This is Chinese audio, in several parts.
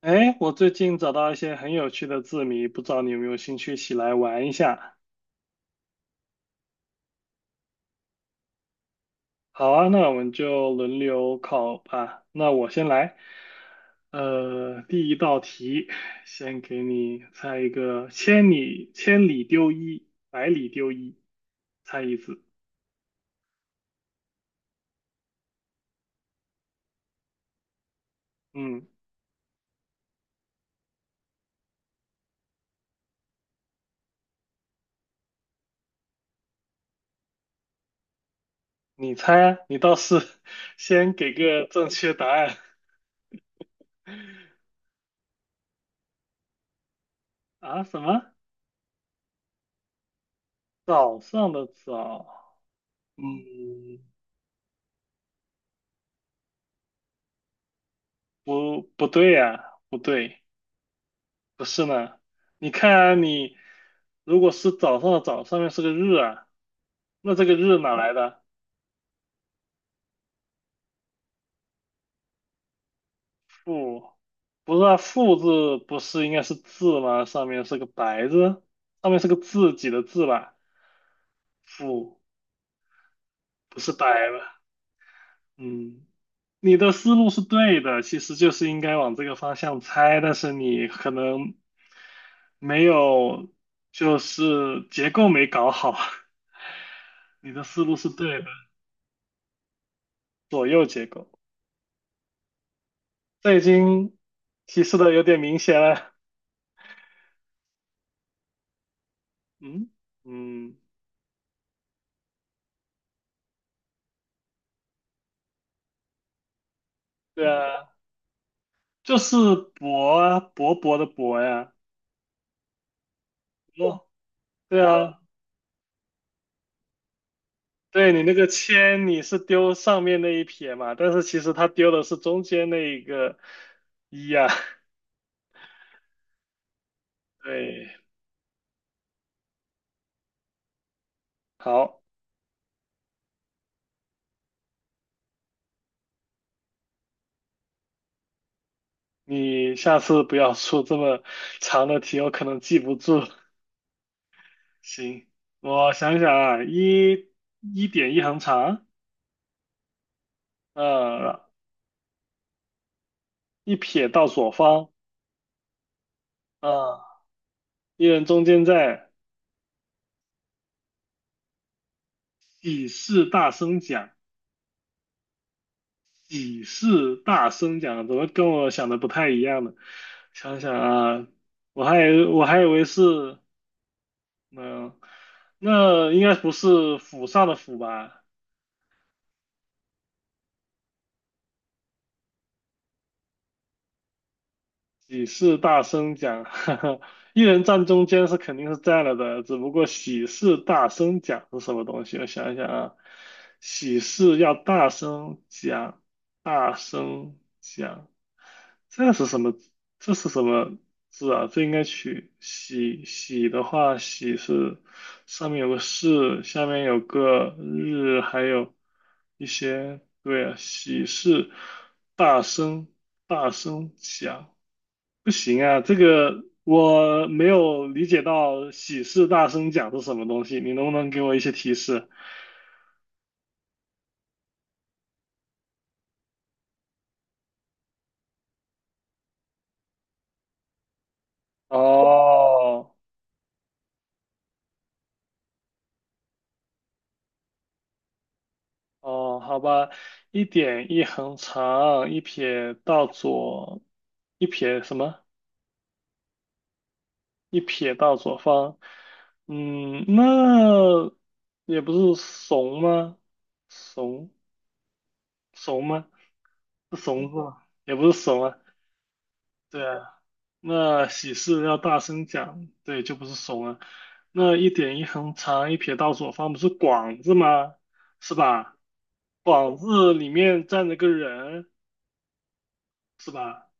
哎，我最近找到一些很有趣的字谜，不知道你有没有兴趣一起来玩一下？好啊，那我们就轮流考吧。那我先来，第一道题，先给你猜一个：千里丢一，百里丢一，猜一字。嗯，你猜啊，你倒是 先给个正确答案啊？什么？早上的早？嗯，不，不对呀、不对。不是呢？你看啊你如果是早上的早，上面是个日啊，那这个日哪来的？富，不是啊，富字不是应该是字吗？上面是个白字，上面是个自己的字吧？富不是白吧？嗯，你的思路是对的，其实就是应该往这个方向猜，但是你可能没有，就是结构没搞好，你的思路是对的，左右结构。这已经提示的有点明显了。嗯嗯，对啊，就是薄啊，薄薄的薄呀。哦，对啊，对你那个铅，你是丢上面那一撇嘛，但是其实他丢的是中间那一个一呀，对，好，你下次不要出这么长的题，我可能记不住。行，我想想啊，一点一横长，呃，一撇到左方。嗯，一人中间在喜事大声讲，喜事大声讲，怎么跟我想的不太一样呢？想想啊，我还以为是，嗯、那应该不是府上的府吧？喜事大声讲，哈哈，一人站中间是肯定是占了的，只不过喜事大声讲是什么东西？我想一想啊，喜事要大声讲，大声讲，这是什么？这是什么字啊？这应该取喜喜的话，喜是上面有个士，下面有个日，还有一些，对啊，喜事大声大声讲。不行啊，这个我没有理解到喜事大声讲是什么东西，你能不能给我一些提示？哦哦，好吧，一点一横长，一撇到左，一撇什么？一撇到左方。嗯，那也不是怂吗？怂怂吗？是怂字吗？也不是怂啊。对啊，那喜事要大声讲，对，就不是怂了。那一点一横长一撇到左方不是广字吗？是吧？广字里面站着个人，是吧？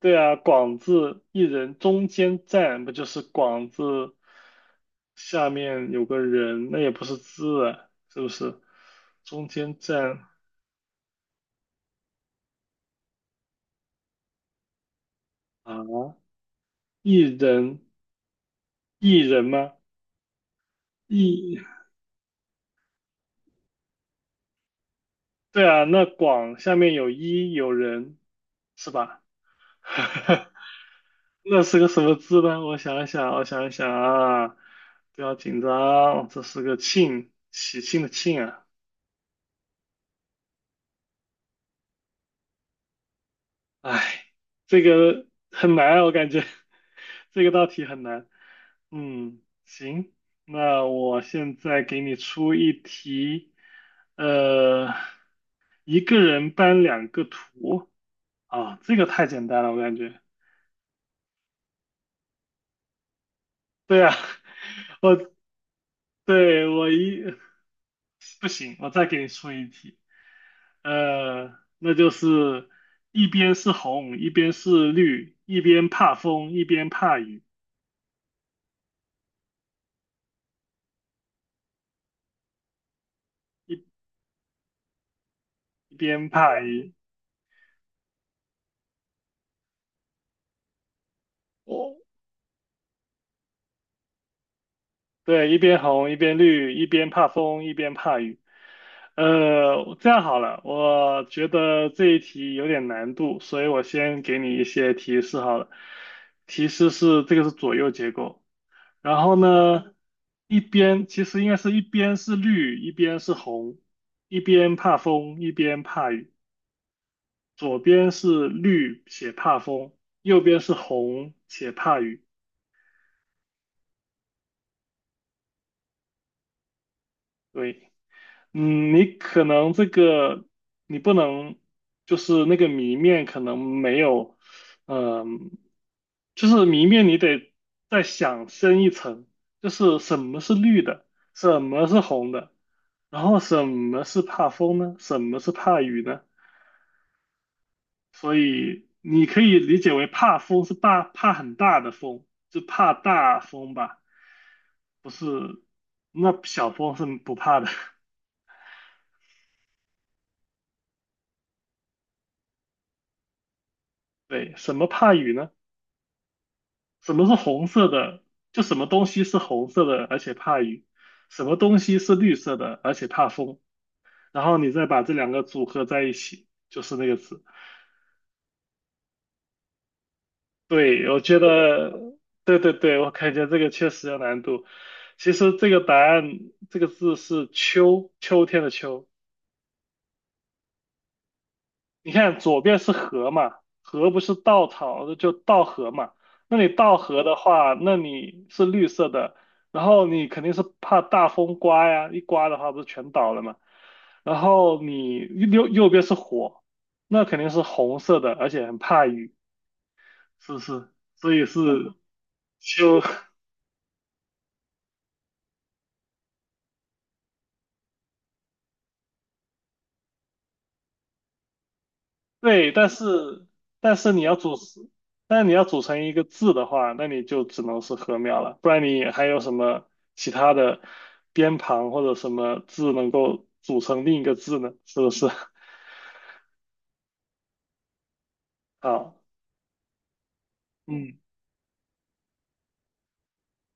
对啊，广字一人中间站，不就是广字下面有个人，那也不是字啊，是不是？中间站啊，一人一人吗？一。对啊，那广下面有人，是吧？那是个什么字呢？我想一想啊，不要紧张，这是个庆，喜庆的庆啊。哎，这个很难啊，我感觉 这个道题很难。嗯，行，那我现在给你出一题，呃，一个人搬两个图啊，这个太简单了，我感觉。对啊，我对我一 不行，我再给你出一题，那就是一边是红，一边是绿，一边怕风，一边怕雨，一一边怕雨。哦，对，一边红，一边绿，一边怕风，一边怕雨。这样好了，我觉得这一题有点难度，所以我先给你一些提示好了。提示是这个是左右结构。然后呢，一边其实应该是一边是绿，一边是红，一边怕风，一边怕雨。左边是绿且怕风，右边是红且怕雨。对。嗯，你可能这个你不能，就是那个谜面可能没有，嗯，就是谜面你得再想深一层，就是什么是绿的，什么是红的，然后什么是怕风呢？什么是怕雨呢？所以你可以理解为怕风是怕很大的风，就怕大风吧，不是，那小风是不怕的。对，什么怕雨呢？什么是红色的？就什么东西是红色的，而且怕雨；什么东西是绿色的，而且怕风。然后你再把这两个组合在一起，就是那个字。对，我觉得，对，我感觉这个确实有难度。其实这个答案，这个字是秋，秋天的秋。你看左边是河嘛，河不是稻草，就稻禾嘛。那你稻禾的话，那你是绿色的，然后你肯定是怕大风刮呀，一刮的话不是全倒了嘛。然后你右边是火，那肯定是红色的，而且很怕雨，是不是？所以是就 对，但是你要组，但你要组成一个字的话，那你就只能是禾苗了，不然你还有什么其他的边旁或者什么字能够组成另一个字呢？是不是？好，嗯，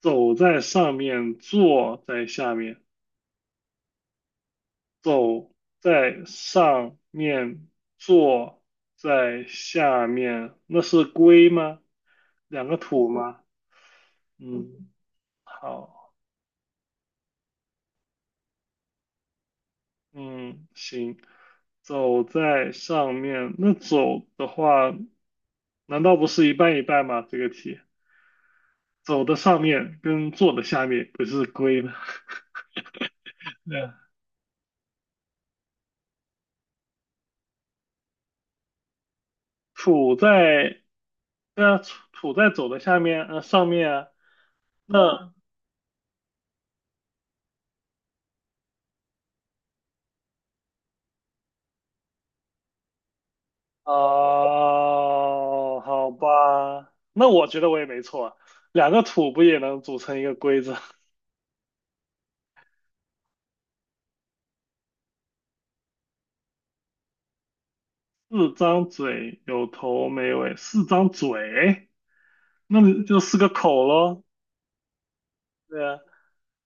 走在上面，坐在下面，走在上面，坐在下面，那是龟吗？两个土吗？嗯，好。嗯，行，走在上面。那走的话，难道不是一半一半吗？这个题，走的上面跟坐的下面不是归吗？对啊，土在，对啊，土在走的下面，上面啊。那啊，好吧，那我觉得我也没错啊，两个土不也能组成一个龟子？四张嘴，有头没尾，四张嘴，那就四个口喽。对啊。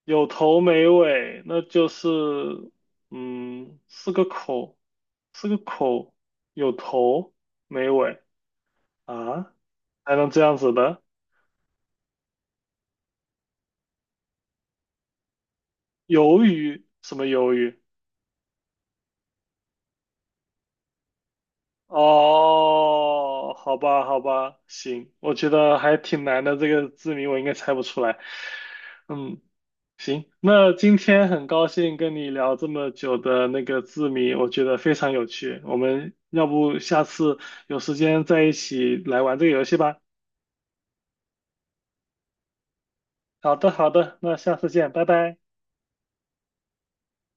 有头没尾，那就是，嗯，四个口，四个口，有头没尾啊，还能这样子的？鱿鱼？什么鱿鱼？哦，好吧，好吧，行，我觉得还挺难的，这个字谜我应该猜不出来。嗯，行，那今天很高兴跟你聊这么久的那个字谜，我觉得非常有趣。我们要不下次有时间再一起来玩这个游戏吧？好的，好的，那下次见，拜拜。